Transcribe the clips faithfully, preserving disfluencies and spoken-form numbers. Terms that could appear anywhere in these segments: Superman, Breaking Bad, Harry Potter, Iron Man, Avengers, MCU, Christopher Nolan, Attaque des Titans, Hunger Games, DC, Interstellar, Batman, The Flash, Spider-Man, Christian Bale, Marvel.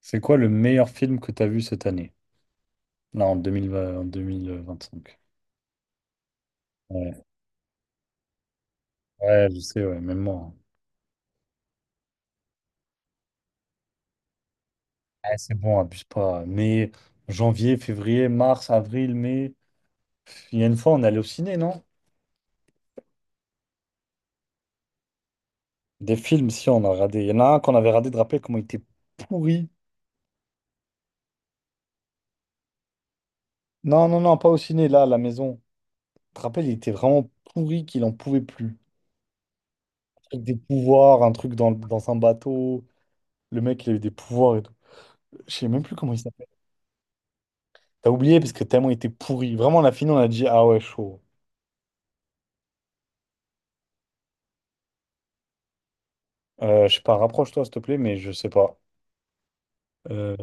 C'est quoi le meilleur film que tu as vu cette année? Là, en deux mille vingt en vingt vingt-cinq. Ouais, ouais, je sais, ouais, même moi, hein. Ouais, c'est bon, abuse pas. Mais janvier, février, mars, avril, mai. Il y a une fois, on est allé au ciné, non? Des films, si, on a radé. Il y en a un qu'on avait radé, de rappelles comment il était pourri. Non, non, non, pas au ciné, là, à la maison. Tu te rappelles, il était vraiment pourri qu'il en pouvait plus. Avec des pouvoirs, un truc dans, dans un bateau. Le mec, il a eu des pouvoirs et tout. Je sais même plus comment il... T'as oublié parce que tellement il était pourri. Vraiment, on a fini, on a dit, ah ouais, chaud. Euh, je sais pas, rapproche-toi, s'il te plaît, mais je sais pas. Euh,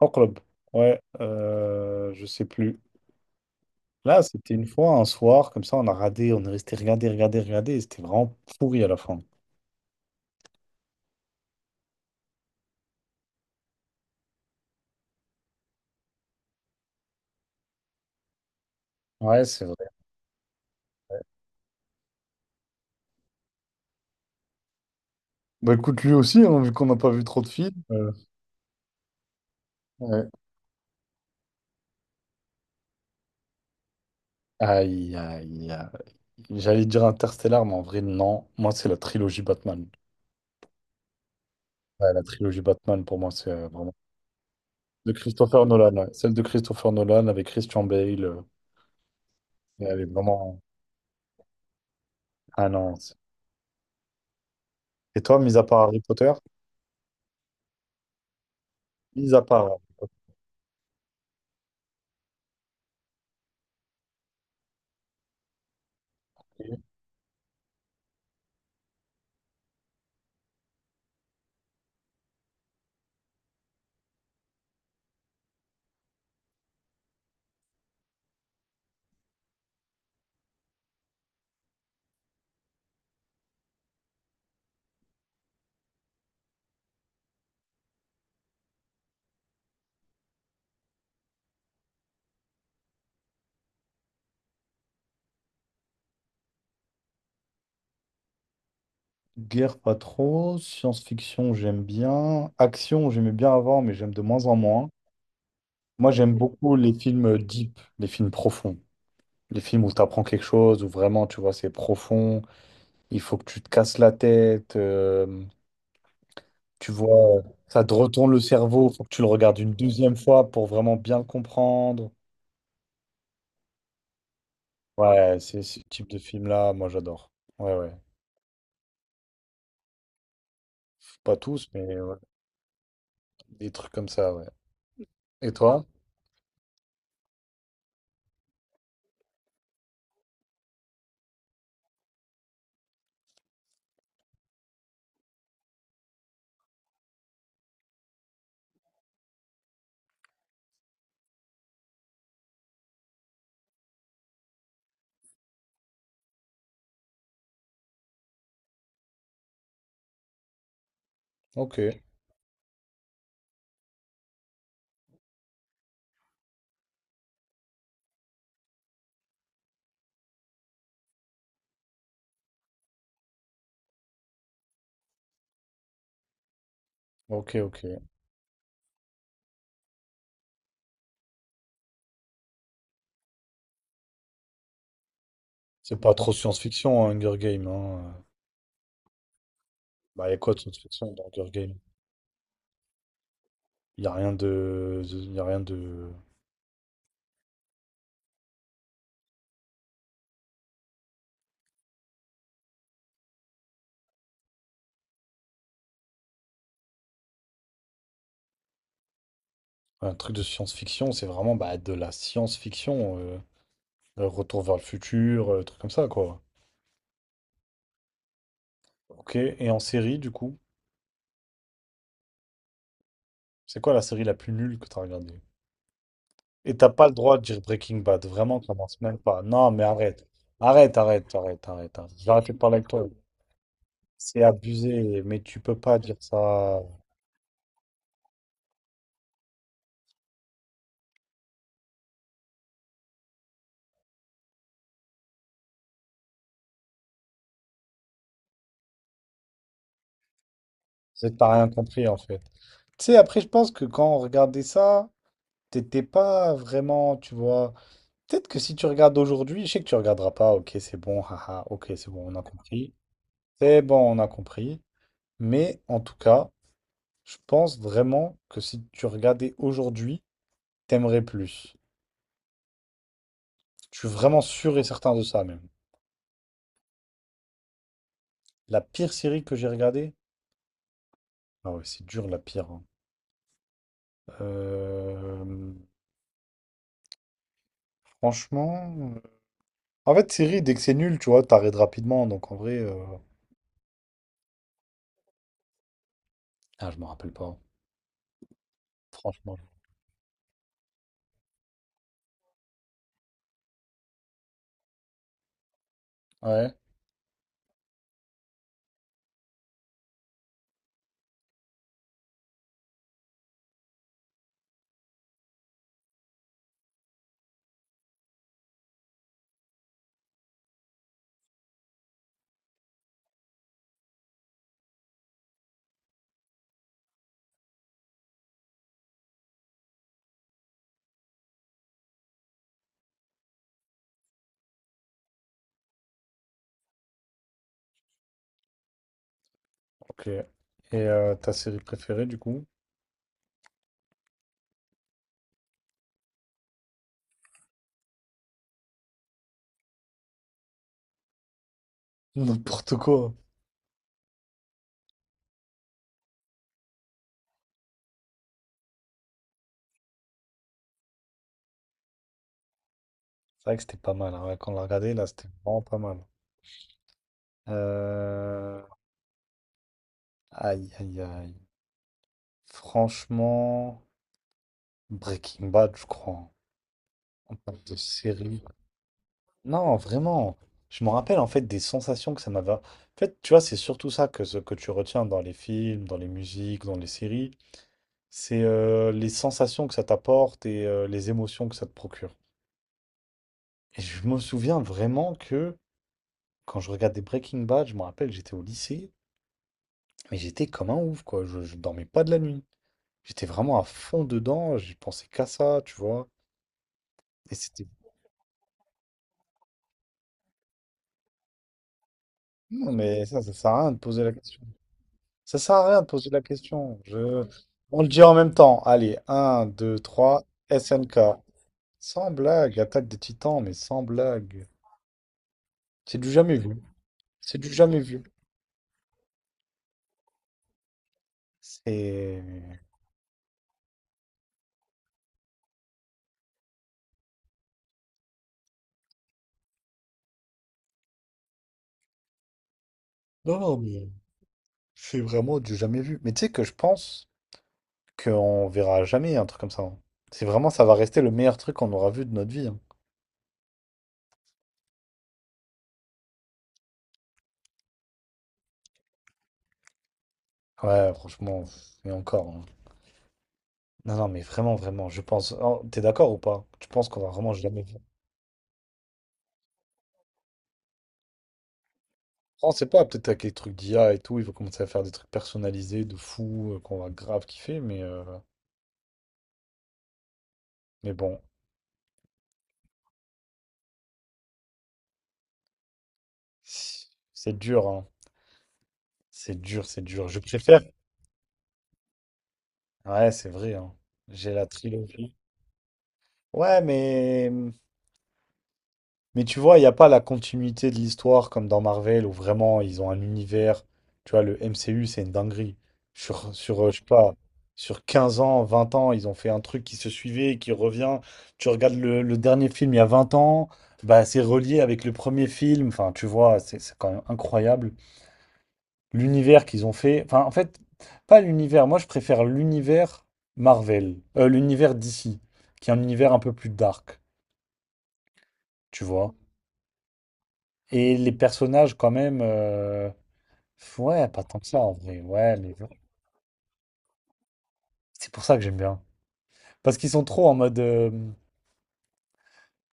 En club. Ouais, euh, je sais plus. Là, c'était une fois, un soir, comme ça, on a radé, on est resté regarder, regarder, regarder, et c'était vraiment pourri à la fin. Ouais, c'est vrai. Bah écoute, lui aussi, hein, vu qu'on n'a pas vu trop de films. Euh, ouais. Aïe, aïe, aïe. J'allais dire Interstellar, mais en vrai, non. Moi, c'est la trilogie Batman. Ouais, la trilogie Batman, pour moi, c'est euh, vraiment... De Christopher Nolan, ouais. Celle de Christopher Nolan avec Christian Bale. euh, Elle est vraiment. Ah non, c'est- Et toi, mis à part Harry Potter? Mis à part Harry Potter. Guerre, pas trop. Science-fiction, j'aime bien. Action, j'aimais bien avant, mais j'aime de moins en moins. Moi, j'aime beaucoup les films deep, les films profonds. Les films où tu apprends quelque chose, où vraiment, tu vois, c'est profond. Il faut que tu te casses la tête. Euh, tu vois, ça te retourne le cerveau. Il faut que tu le regardes une deuxième fois pour vraiment bien le comprendre. Ouais, c'est ce type de film-là, moi, j'adore. Ouais, ouais. Pas tous, mais ouais. Des trucs comme ça, ouais. Et toi? Ok, ok, ok. C'est pas trop science-fiction, hein, Hunger Games. Hein. euh. Bah, y a quoi de science-fiction dans Hunger Games? Y a rien de, de- y a rien de, Un truc de science-fiction. C'est vraiment bah, de la science-fiction. Euh, euh, retour vers le futur, euh, truc comme ça, quoi. Ok. Et en série, du coup, c'est quoi la série la plus nulle que t'as regardée? Et t'as pas le droit de dire Breaking Bad. Vraiment, commence même pas. Non, mais arrête. Arrête, arrête, arrête, arrête. arrête. J'ai arrêté de parler avec toi. C'est abusé, mais tu peux pas dire ça. C'est que t'as rien compris en fait. Tu sais, après, je pense que quand on regardait ça, t'étais pas vraiment, tu vois. Peut-être que si tu regardes aujourd'hui, je sais que tu regarderas pas, ok, c'est bon, haha, ok, c'est bon, on a compris. C'est bon, on a compris. Mais en tout cas, je pense vraiment que si tu regardais aujourd'hui, t'aimerais plus. Je suis vraiment sûr et certain de ça même. La pire série que j'ai regardée, ah ouais, c'est dur la pire, hein. Euh, Franchement. euh, En fait, série, dès que c'est nul, tu vois, t'arrêtes rapidement. Donc en vrai. euh, Ah, je me rappelle pas. Franchement. Ouais, ok. Et euh, ta série préférée, du coup? N'importe quoi. C'est vrai que c'était pas mal, hein. Ouais, quand on l'a regardé, là, c'était vraiment pas mal. Euh, Aïe, aïe, aïe. Franchement, Breaking Bad, je crois, hein. En termes de série. Non, vraiment. Je me rappelle, en fait, des sensations que ça m'avait... En fait, tu vois, c'est surtout ça que, ce que tu retiens dans les films, dans les musiques, dans les séries. C'est euh, les sensations que ça t'apporte et euh, les émotions que ça te procure. Et je me souviens vraiment que quand je regardais Breaking Bad, je me rappelle, j'étais au lycée, mais j'étais comme un ouf, quoi. Je, je dormais pas de la nuit. J'étais vraiment à fond dedans, j'y pensais qu'à ça, tu vois. Et c'était. Non, mais ça, ça sert à rien de poser la question. Ça sert à rien de poser la question. Je... On le dit en même temps. Allez, un, deux, trois, S N K. Sans blague, Attaque des Titans, mais sans blague. C'est du jamais vu. C'est du jamais vu. C'est. Non, non, mais c'est vraiment du jamais vu. Mais tu sais que je pense qu'on verra jamais, un truc comme ça, hein. C'est vraiment, ça va rester le meilleur truc qu'on aura vu de notre vie, hein. Ouais, franchement, pff, mais encore, hein. Non, non, mais vraiment, vraiment, je pense. Oh, t'es d'accord ou pas? Tu penses qu'on va vraiment jamais voir? On sait pas, peut-être avec les trucs d'I A et tout, ils vont commencer à faire des trucs personnalisés de fou, euh, qu'on va grave kiffer, mais, euh, mais bon, c'est dur, hein. C'est dur, c'est dur. Je préfère. Ouais, c'est vrai, hein. J'ai la trilogie. Ouais, mais. Mais tu vois, il n'y a pas la continuité de l'histoire comme dans Marvel où vraiment ils ont un univers. Tu vois, le M C U, c'est une dinguerie. Sur, sur, euh, je sais pas, sur quinze ans, vingt ans, ils ont fait un truc qui se suivait et qui revient. Tu regardes le, le dernier film il y a vingt ans, bah c'est relié avec le premier film. Enfin, tu vois, c'est c'est quand même incroyable. L'univers qu'ils ont fait. Enfin, en fait, pas l'univers. Moi, je préfère l'univers Marvel. Euh, l'univers D C, qui est un univers un peu plus dark, tu vois. Et les personnages, quand même, euh, ouais, pas tant que ça en vrai. Ouais, mais bon, c'est pour ça que j'aime bien. Parce qu'ils sont trop en mode. euh,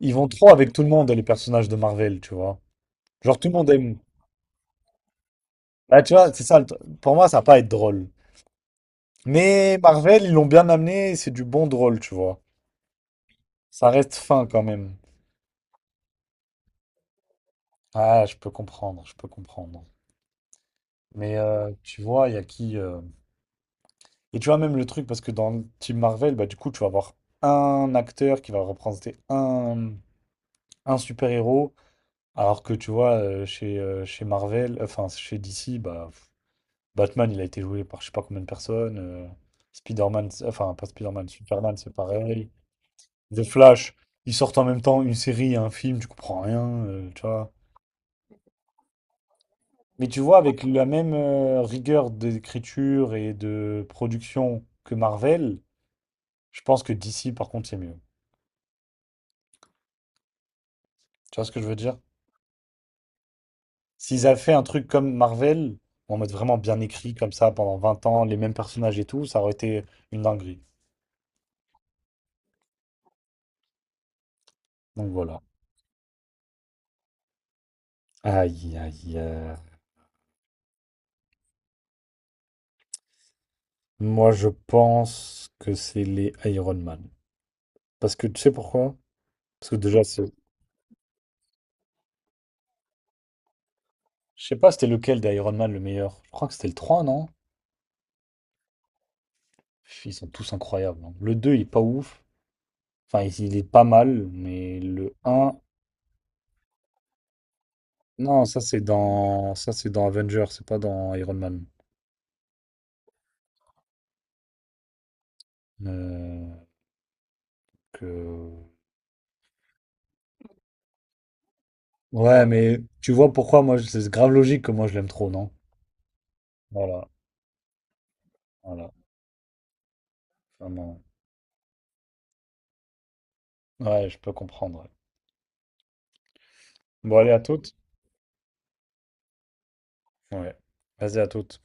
Ils vont trop avec tout le monde, les personnages de Marvel, tu vois. Genre, tout le monde aime. Bah, tu vois, c'est ça, le tr- pour moi, ça va pas être drôle. Mais Marvel, ils l'ont bien amené, c'est du bon drôle, tu vois. Ça reste fin quand même. Ah, je peux comprendre, je peux comprendre. Mais euh, tu vois, il y a qui. euh, Et tu vois, même le truc, parce que dans le Team Marvel, bah, du coup, tu vas avoir un acteur qui va représenter un. Un super-héros, alors que tu vois, euh, chez, euh, chez Marvel, enfin chez D C, bah, pff, Batman, il a été joué par je sais pas combien de personnes, euh, Spider-Man, c'est- enfin pas Spider-Man, Superman, c'est pareil, The Flash, ils sortent en même temps une série, et un film, tu comprends rien, euh, tu vois. Mais tu vois, avec la même euh, rigueur d'écriture et de production que Marvel, je pense que D C, par contre, c'est mieux. Tu vois ce que je veux dire? S'ils avaient fait un truc comme Marvel, en mode vraiment bien écrit, comme ça, pendant vingt ans, les mêmes personnages et tout, ça aurait été une dinguerie. Donc voilà. Aïe, aïe, aïe. Moi, je pense que c'est les Iron Man. Parce que tu sais pourquoi? Parce que déjà, c'est. Je sais pas, c'était lequel d'Iron Man le meilleur? Je crois que c'était le trois, non? Pff, ils sont tous incroyables, hein. Le deux, il est pas ouf. Enfin, il il est pas mal, mais le un, non, ça, c'est dans. Ça, c'est dans Avengers, c'est pas dans Iron Man. Euh, que Ouais, mais tu vois pourquoi moi, je- c'est grave logique que moi je l'aime trop, non? Voilà, voilà, vraiment. Ouais, je peux comprendre. Bon, allez, à toutes. Ouais. Vas-y, à toutes.